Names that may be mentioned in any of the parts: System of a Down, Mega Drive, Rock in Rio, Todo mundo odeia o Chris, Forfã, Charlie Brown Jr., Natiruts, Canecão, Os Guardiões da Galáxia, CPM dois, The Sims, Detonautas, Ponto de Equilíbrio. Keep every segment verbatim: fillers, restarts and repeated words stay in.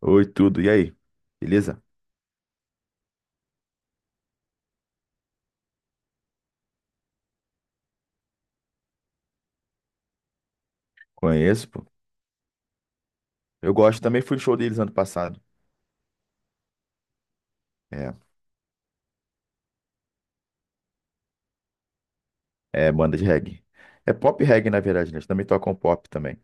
Oi, tudo. E aí? Beleza? Conheço, pô. Eu gosto, também fui no show deles ano passado. É, é banda de reggae. É pop reggae, na verdade, né? Eles também tocam pop também.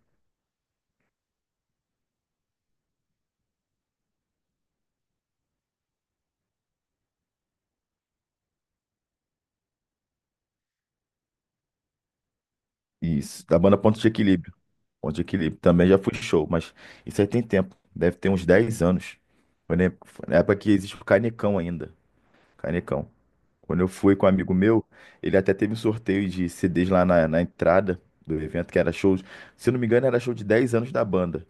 Isso, da banda Ponto de Equilíbrio. Ponto de Equilíbrio. Também já fui em show, mas isso aí tem tempo. Deve ter uns dez anos. Foi na foi na época que existe o Canecão ainda. Canecão. Quando eu fui com um amigo meu, ele até teve um sorteio de C Ds lá na, na entrada do evento, que era show. Se eu não me engano, era show de dez anos da banda.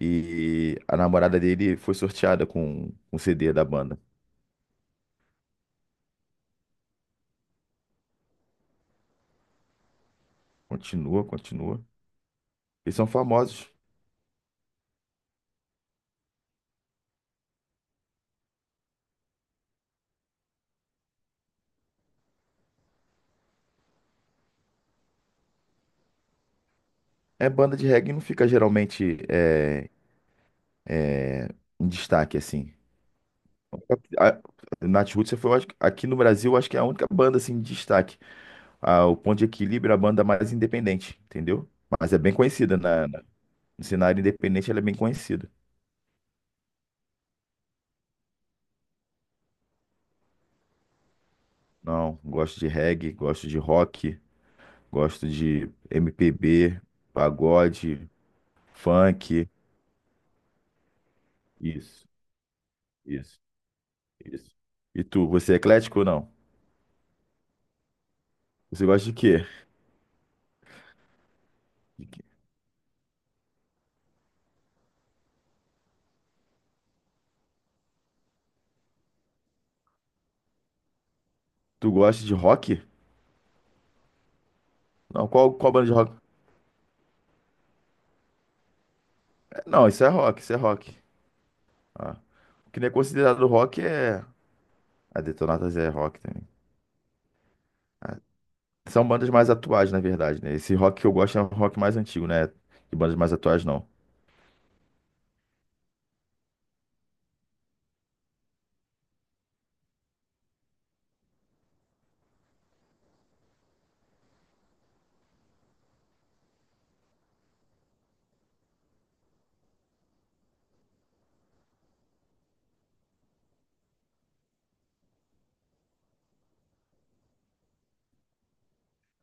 E a namorada dele foi sorteada com um C D da banda. Continua, continua. Eles são famosos. É banda de reggae, não fica geralmente é, em destaque, assim. A, Natiruts foi, eu acho aqui no Brasil, eu acho que é a única banda, assim, de destaque. Ah, o Ponto de Equilíbrio é a banda mais independente, entendeu? Mas é bem conhecida. Na, na- no cenário independente, ela é bem conhecida. Não, gosto de reggae, gosto de rock, gosto de M P B, pagode, funk. Isso. Isso. Isso. E tu, você é eclético ou não? Você gosta de quê? De quê? Tu gosta de rock? Não, qual, qual banda de rock? É, não, isso é rock, isso é rock. Ah. O que não é considerado rock é. A Detonautas é rock também. Ah, são bandas mais atuais, na verdade, né? Esse rock que eu gosto é um rock mais antigo, né? De bandas mais atuais, não.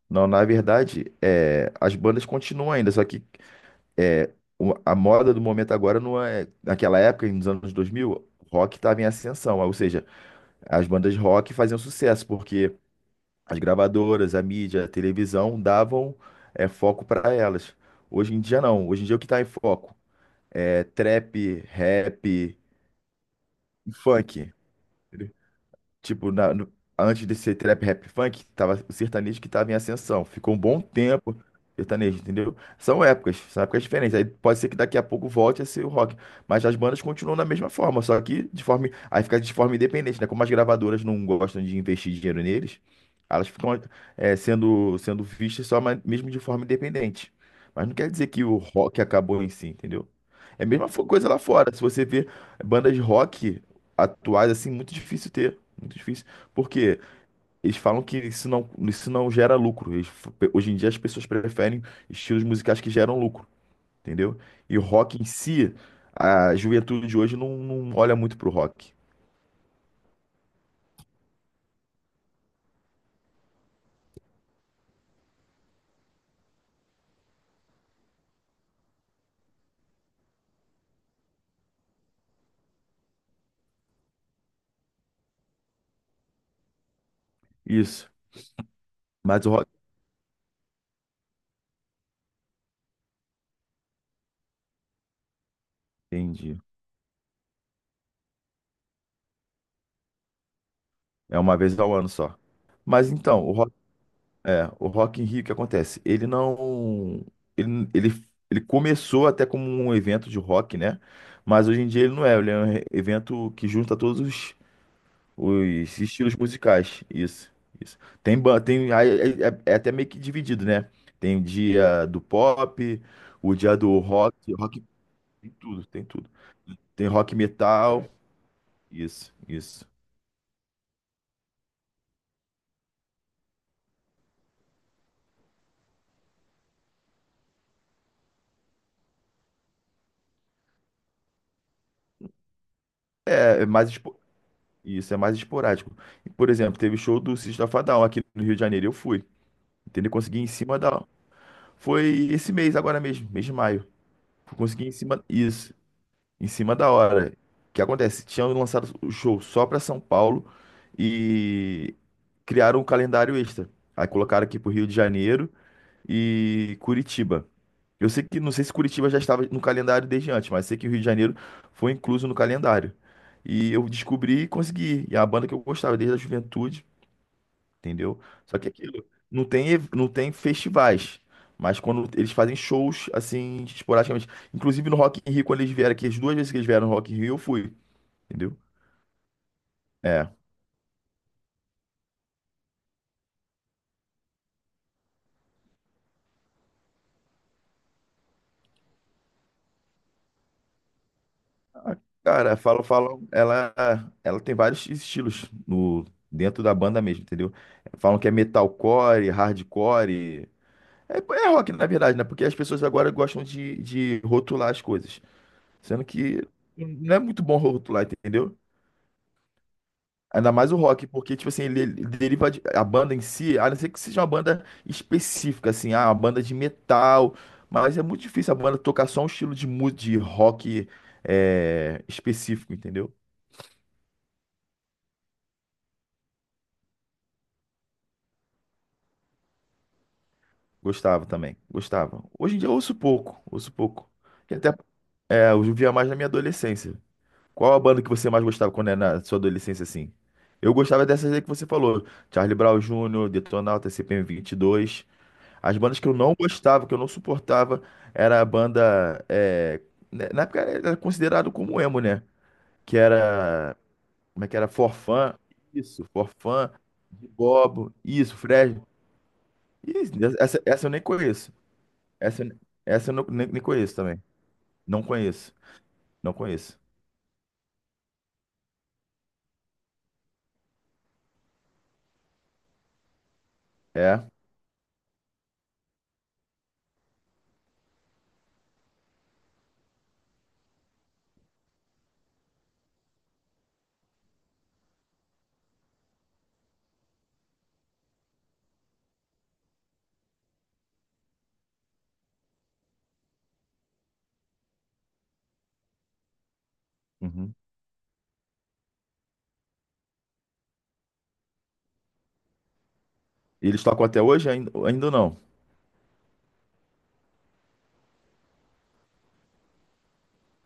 Não, na verdade, é, as bandas continuam ainda, só que é, o- a moda do momento agora não é. Naquela época, nos anos dois mil, rock estava em ascensão, ou seja, as bandas de rock faziam sucesso, porque as gravadoras, a mídia, a televisão davam é, foco para elas. Hoje em dia não. Hoje em dia o que está em foco é trap, rap e funk. Tipo, na- no- antes de ser trap, rap, funk, tava o sertanejo que tava em ascensão. Ficou um bom tempo sertanejo, entendeu? São épocas, são épocas diferentes. Aí pode ser que daqui a pouco volte a ser o rock. Mas as bandas continuam da mesma forma, só que de forma, aí fica de forma independente, né? Como as gravadoras não gostam de investir dinheiro neles, elas ficam é, sendo, sendo vistas só ma- mesmo de forma independente. Mas não quer dizer que o rock acabou em si, entendeu? É a mesma fo- coisa lá fora. Se você vê bandas de rock atuais, assim, muito difícil ter. Muito difícil. Porque eles falam que isso não, isso não gera lucro. Eles f- hoje em dia as pessoas preferem estilos musicais que geram lucro, entendeu? E o rock em si, a juventude de hoje não, não olha muito pro rock. Isso. Mas o rock, entendi. É uma vez ao ano só. Mas então, o rock, é, o Rock in Rio, o que acontece? Ele não. Ele, ele, ele começou até como um evento de rock, né? Mas hoje em dia ele não é. Ele é um evento que junta todos os estilos musicais, isso, isso. Tem, ba- tem aí é, é- é até meio que dividido, né? Tem o dia do pop, o dia do rock, rock, tem tudo, tem tudo. Tem rock metal, isso, isso. É, é mais espo- isso é mais esporádico. Por exemplo, teve show do System of a Down aqui no Rio de Janeiro, eu fui. Entendeu? Consegui ir em cima da Foi esse mês agora mesmo, mês de maio. Consegui ir em cima isso. Em cima da hora. O que acontece? Tinham lançado o show só para São Paulo e criaram um calendário extra. Aí colocaram aqui pro Rio de Janeiro e Curitiba. Eu sei que, não sei se Curitiba já estava no calendário desde antes, mas sei que o Rio de Janeiro foi incluso no calendário. E eu descobri e consegui. E é a banda que eu gostava desde a juventude, entendeu? Só que aquilo, não tem, ev- não tem festivais, mas quando eles fazem shows, assim, esporadicamente. Inclusive no Rock in Rio, quando eles vieram aqui, as duas vezes que eles vieram no Rock in Rio, eu fui, entendeu? É. Cara, falo, falo, ela, ela tem vários estilos no, dentro da banda mesmo, entendeu? Falam que é metalcore, hardcore. É, é rock, na verdade, né? Porque as pessoas agora gostam de, de rotular as coisas. Sendo que não é muito bom rotular, entendeu? Ainda mais o rock, porque, tipo assim, ele, ele deriva de, a banda em si, a não ser que seja uma banda específica, assim, ah, uma banda de metal, mas é muito difícil a banda tocar só um estilo de, mu- de rock é, específico, entendeu? Gostava também, gostava. Hoje em dia eu ouço pouco, ouço pouco. E até, é, eu via mais na minha adolescência. Qual a banda que você mais gostava quando era na sua adolescência, assim? Eu gostava dessas aí que você falou, Charlie Brown júnior, Detonautas, C P M dois. As bandas que eu não gostava, que eu não suportava, era a banda, é, né, na época era considerado como emo, né? Que era. Como é que era? Forfã. Isso, Forfã, de Bobo, isso, Fred. Isso, essa, essa eu nem conheço. Essa, eu- essa eu não- nem, nem conheço também. Não conheço. Não conheço. É. Uhum. E eles tocam até hoje? Ainda, ainda não.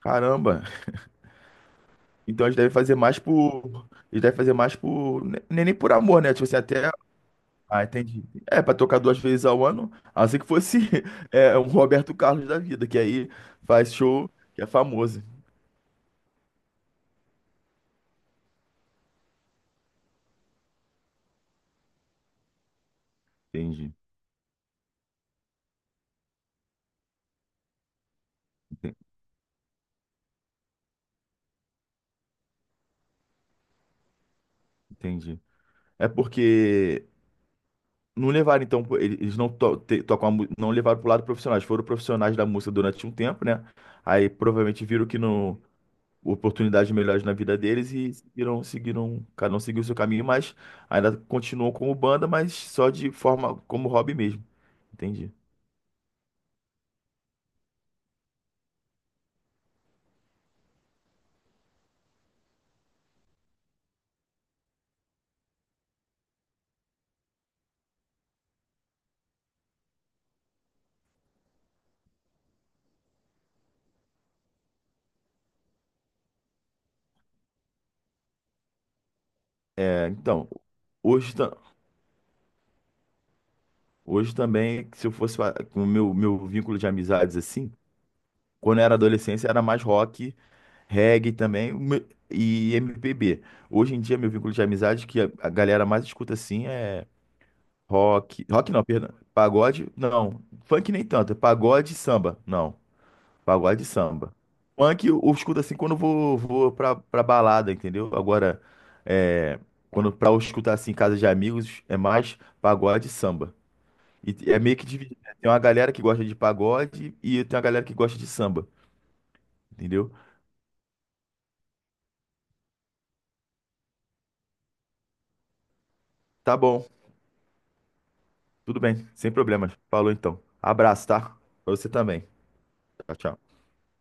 Caramba. Então eles devem fazer mais por. Eles devem fazer mais por. Nem, nem por amor, né? Tipo assim, até Ah, entendi. É, pra tocar duas vezes ao ano, assim que fosse é, um Roberto Carlos da vida, que aí faz show, que é famoso. Entendi, ente- entendi. É porque não levaram, então, pô, ele- eles não to te- tocam a mu- não levaram pro lado profissionais, foram profissionais da música durante um tempo, né? Aí provavelmente viram que não oportunidades melhores na vida deles e seguiram, seguiram, cada um seguiu o seu caminho, mas ainda continuam como banda, mas só de forma como hobby mesmo. Entendi. É, então, hoje. Hoje também, se eu fosse fa- com o meu, meu vínculo de amizades assim, quando eu era adolescência era mais rock, reggae também o meu- e M P B. Hoje em dia, meu vínculo de amizades que a, a galera mais escuta assim é rock. Rock não, perdão. Pagode, não. Funk nem tanto. É pagode e samba. Não. Pagode e samba. Funk eu, eu escuto assim quando eu vou, vou pra, pra balada, entendeu? Agora, é, quando pra eu escutar assim em casa de amigos, é mais pagode e samba. E é meio que dividido, né? Tem uma galera que gosta de pagode e tem uma galera que gosta de samba, entendeu? Tá bom, tudo bem, sem problemas. Falou então. Abraço, tá? Pra você também. Tchau, tchau.